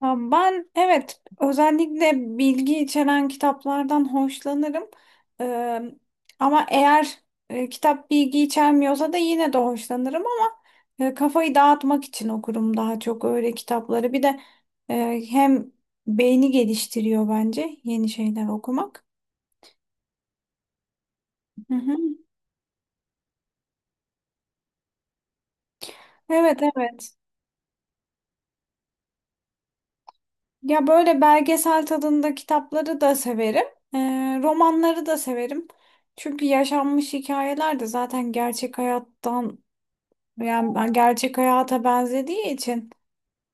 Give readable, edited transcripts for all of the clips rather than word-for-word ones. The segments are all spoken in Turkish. Ha, ben, evet, özellikle bilgi içeren kitaplardan hoşlanırım. Ee, ama eğer kitap bilgi içermiyorsa da yine de hoşlanırım, ama kafayı dağıtmak için okurum daha çok öyle kitapları. Bir de hem beyni geliştiriyor bence yeni şeyler okumak. Hı hı. Evet evet. Ya böyle belgesel tadında kitapları da severim. Ee, romanları da severim. Çünkü yaşanmış hikayeler de zaten gerçek hayattan, yani ben gerçek hayata benzediği için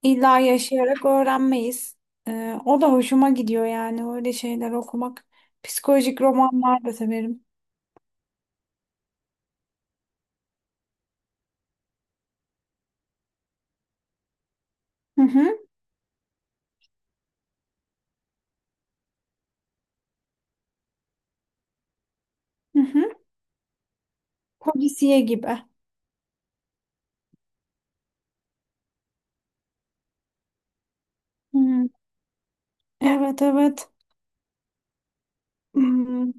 illa yaşayarak öğrenmeyiz. O da hoşuma gidiyor, yani öyle şeyler okumak. Psikolojik romanlar da severim. Hı hı, hı hı. Polisiye gibi. Hı, evet evet. Hmm,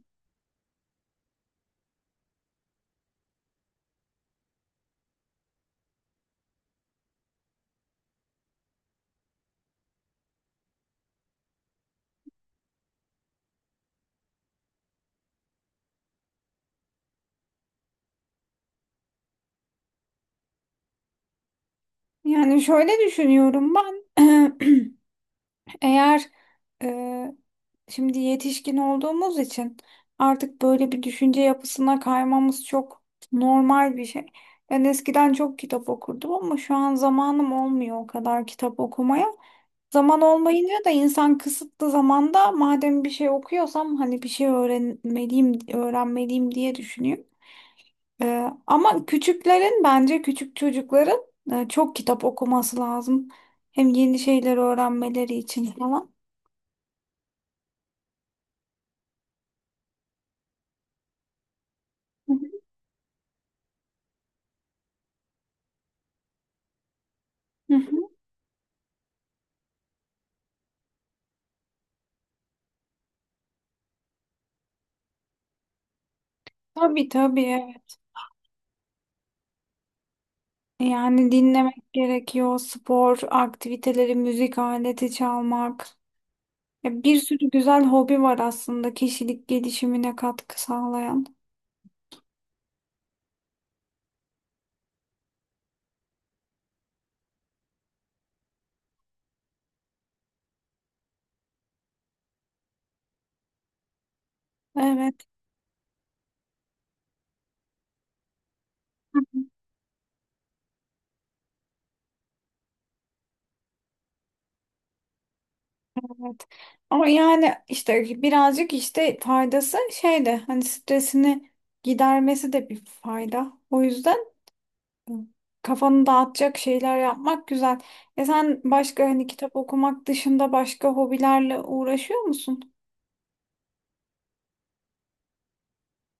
Yani şöyle düşünüyorum ben. Eğer e, Şimdi yetişkin olduğumuz için artık böyle bir düşünce yapısına kaymamız çok normal bir şey. Ben eskiden çok kitap okurdum, ama şu an zamanım olmuyor o kadar kitap okumaya. Zaman olmayınca da insan kısıtlı zamanda madem bir şey okuyorsam hani bir şey öğrenmeliyim, öğrenmeliyim diye düşünüyor. Ama küçüklerin, bence küçük çocukların çok kitap okuması lazım. Hem yeni şeyler öğrenmeleri için falan. Hı hı. Hı hı. Tabii tabii. Evet. Yani dinlemek gerekiyor, spor, aktiviteleri, müzik aleti çalmak. Ya bir sürü güzel hobi var aslında kişilik gelişimine katkı sağlayan. Evet, evet. Ama yani işte birazcık işte faydası şey de hani stresini gidermesi de bir fayda. O yüzden kafanı dağıtacak şeyler yapmak güzel. Sen başka hani kitap okumak dışında başka hobilerle uğraşıyor musun?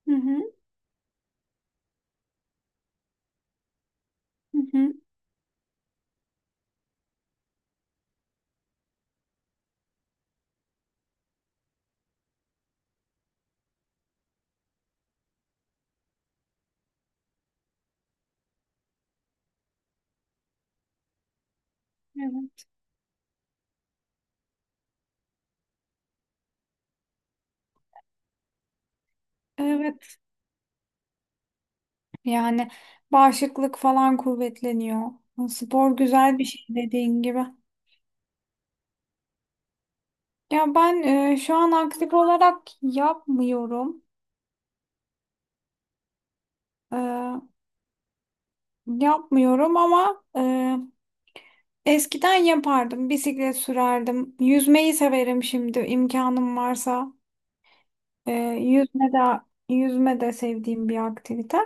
Hı hı. Hı hı. Evet. Evet, yani bağışıklık falan kuvvetleniyor. Spor güzel bir şey, dediğin gibi. Ya ben şu an aktif olarak yapmıyorum. E, yapmıyorum, ama eskiden yapardım. Bisiklet sürerdim. Yüzmeyi severim, şimdi imkanım varsa. E, yüzme de, yüzme de sevdiğim bir aktivite.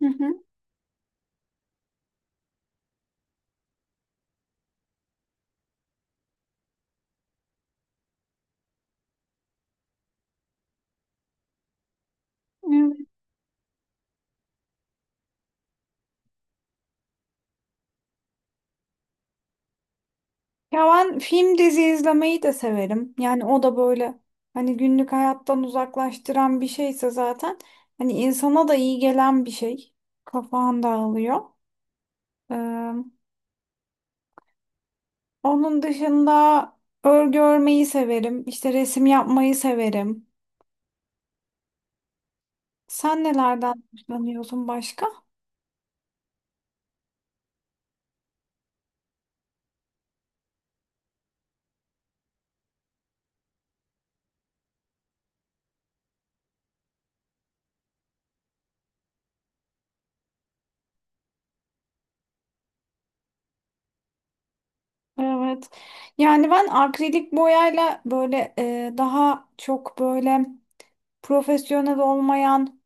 Hı hı. Ya ben film, dizi izlemeyi de severim. Yani o da böyle, hani günlük hayattan uzaklaştıran bir şeyse zaten hani insana da iyi gelen bir şey. Kafan dağılıyor. Ee, onun dışında örgü örmeyi severim. İşte resim yapmayı severim. Sen nelerden hoşlanıyorsun başka? Evet. Yani ben akrilik boyayla böyle daha çok böyle profesyonel olmayan.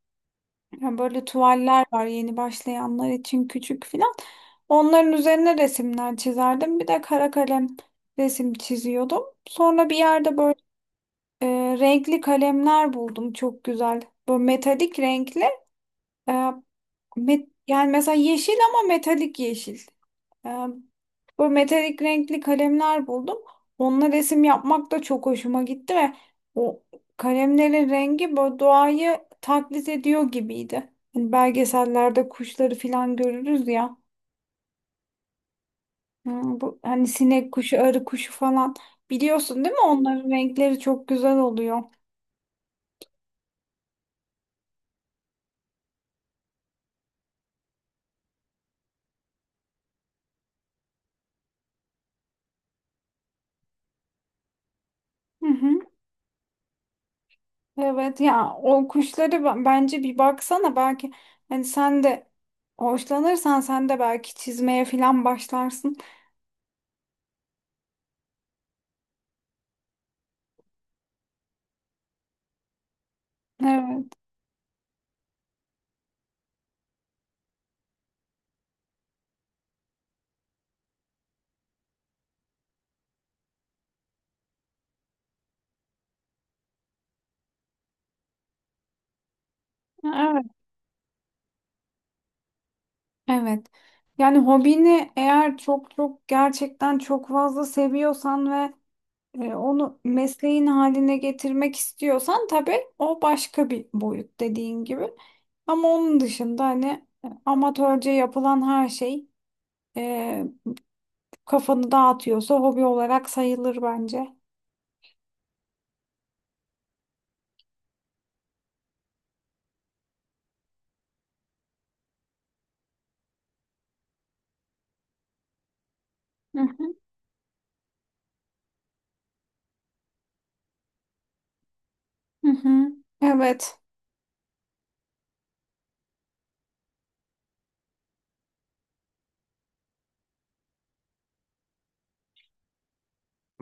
Ya böyle tuvaller var yeni başlayanlar için küçük filan. Onların üzerine resimler çizerdim. Bir de kara kalem resim çiziyordum. Sonra bir yerde böyle e, renkli kalemler buldum, çok güzel. Böyle metalik renkli. E, yani mesela yeşil, ama metalik yeşil. Ee, Böyle metalik renkli kalemler buldum. Onunla resim yapmak da çok hoşuma gitti ve o kalemlerin rengi böyle doğayı taklit ediyor gibiydi. Hani belgesellerde kuşları falan görürüz ya. Bu, hani sinek kuşu, arı kuşu falan. Biliyorsun değil mi? Onların renkleri çok güzel oluyor. Hı hı. Evet, ya o kuşları bence bir baksana, belki hani sen de hoşlanırsan sen de belki çizmeye falan başlarsın. Evet. Evet. Evet. Yani hobini eğer çok çok, gerçekten çok fazla seviyorsan ve onu mesleğin haline getirmek istiyorsan, tabii o başka bir boyut, dediğin gibi. Ama onun dışında hani amatörce yapılan her şey e, kafanı dağıtıyorsa hobi olarak sayılır bence. Hı hı. Hı hı. Evet.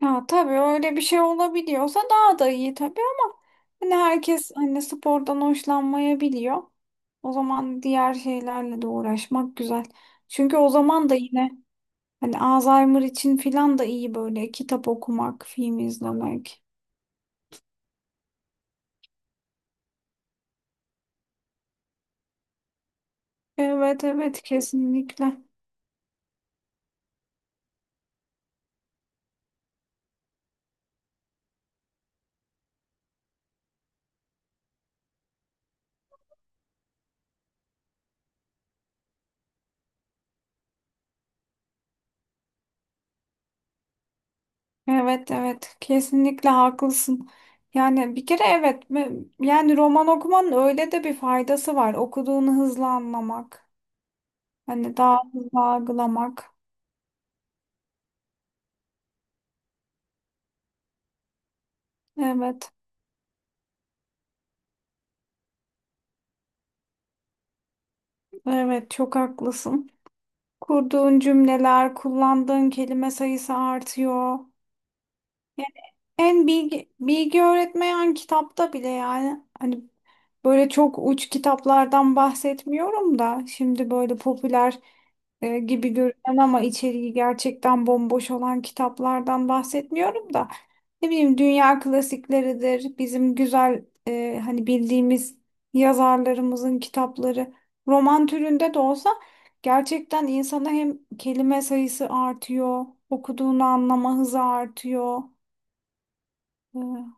Ha, tabii öyle bir şey olabiliyorsa daha da iyi tabii, ama hani herkes hani spordan hoşlanmayabiliyor. O zaman diğer şeylerle de uğraşmak güzel. Çünkü o zaman da yine hani Alzheimer için filan da iyi böyle kitap okumak, film izlemek. Evet evet, kesinlikle. Evet evet, kesinlikle haklısın. Yani bir kere evet, yani roman okumanın öyle de bir faydası var. Okuduğunu hızlı anlamak. Hani daha hızlı algılamak. Evet, evet çok haklısın. Kurduğun cümleler, kullandığın kelime sayısı artıyor. Yani en bilgi öğretmeyen kitapta bile, yani hani böyle çok uç kitaplardan bahsetmiyorum da, şimdi böyle popüler gibi görünen ama içeriği gerçekten bomboş olan kitaplardan bahsetmiyorum da, ne bileyim dünya klasikleridir, bizim güzel hani bildiğimiz yazarlarımızın kitapları, roman türünde de olsa, gerçekten insana hem kelime sayısı artıyor, okuduğunu anlama hızı artıyor. E,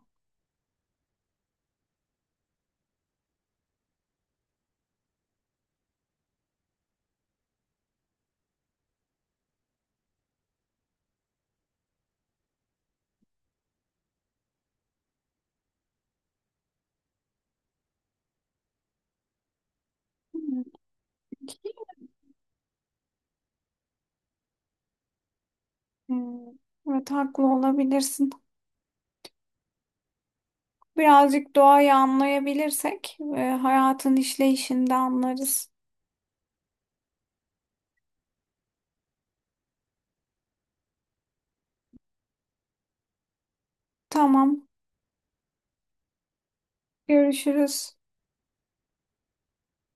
Hmm, Evet, haklı olabilirsin. Birazcık doğayı anlayabilirsek hayatın işleyişini de anlarız. Tamam. Görüşürüz.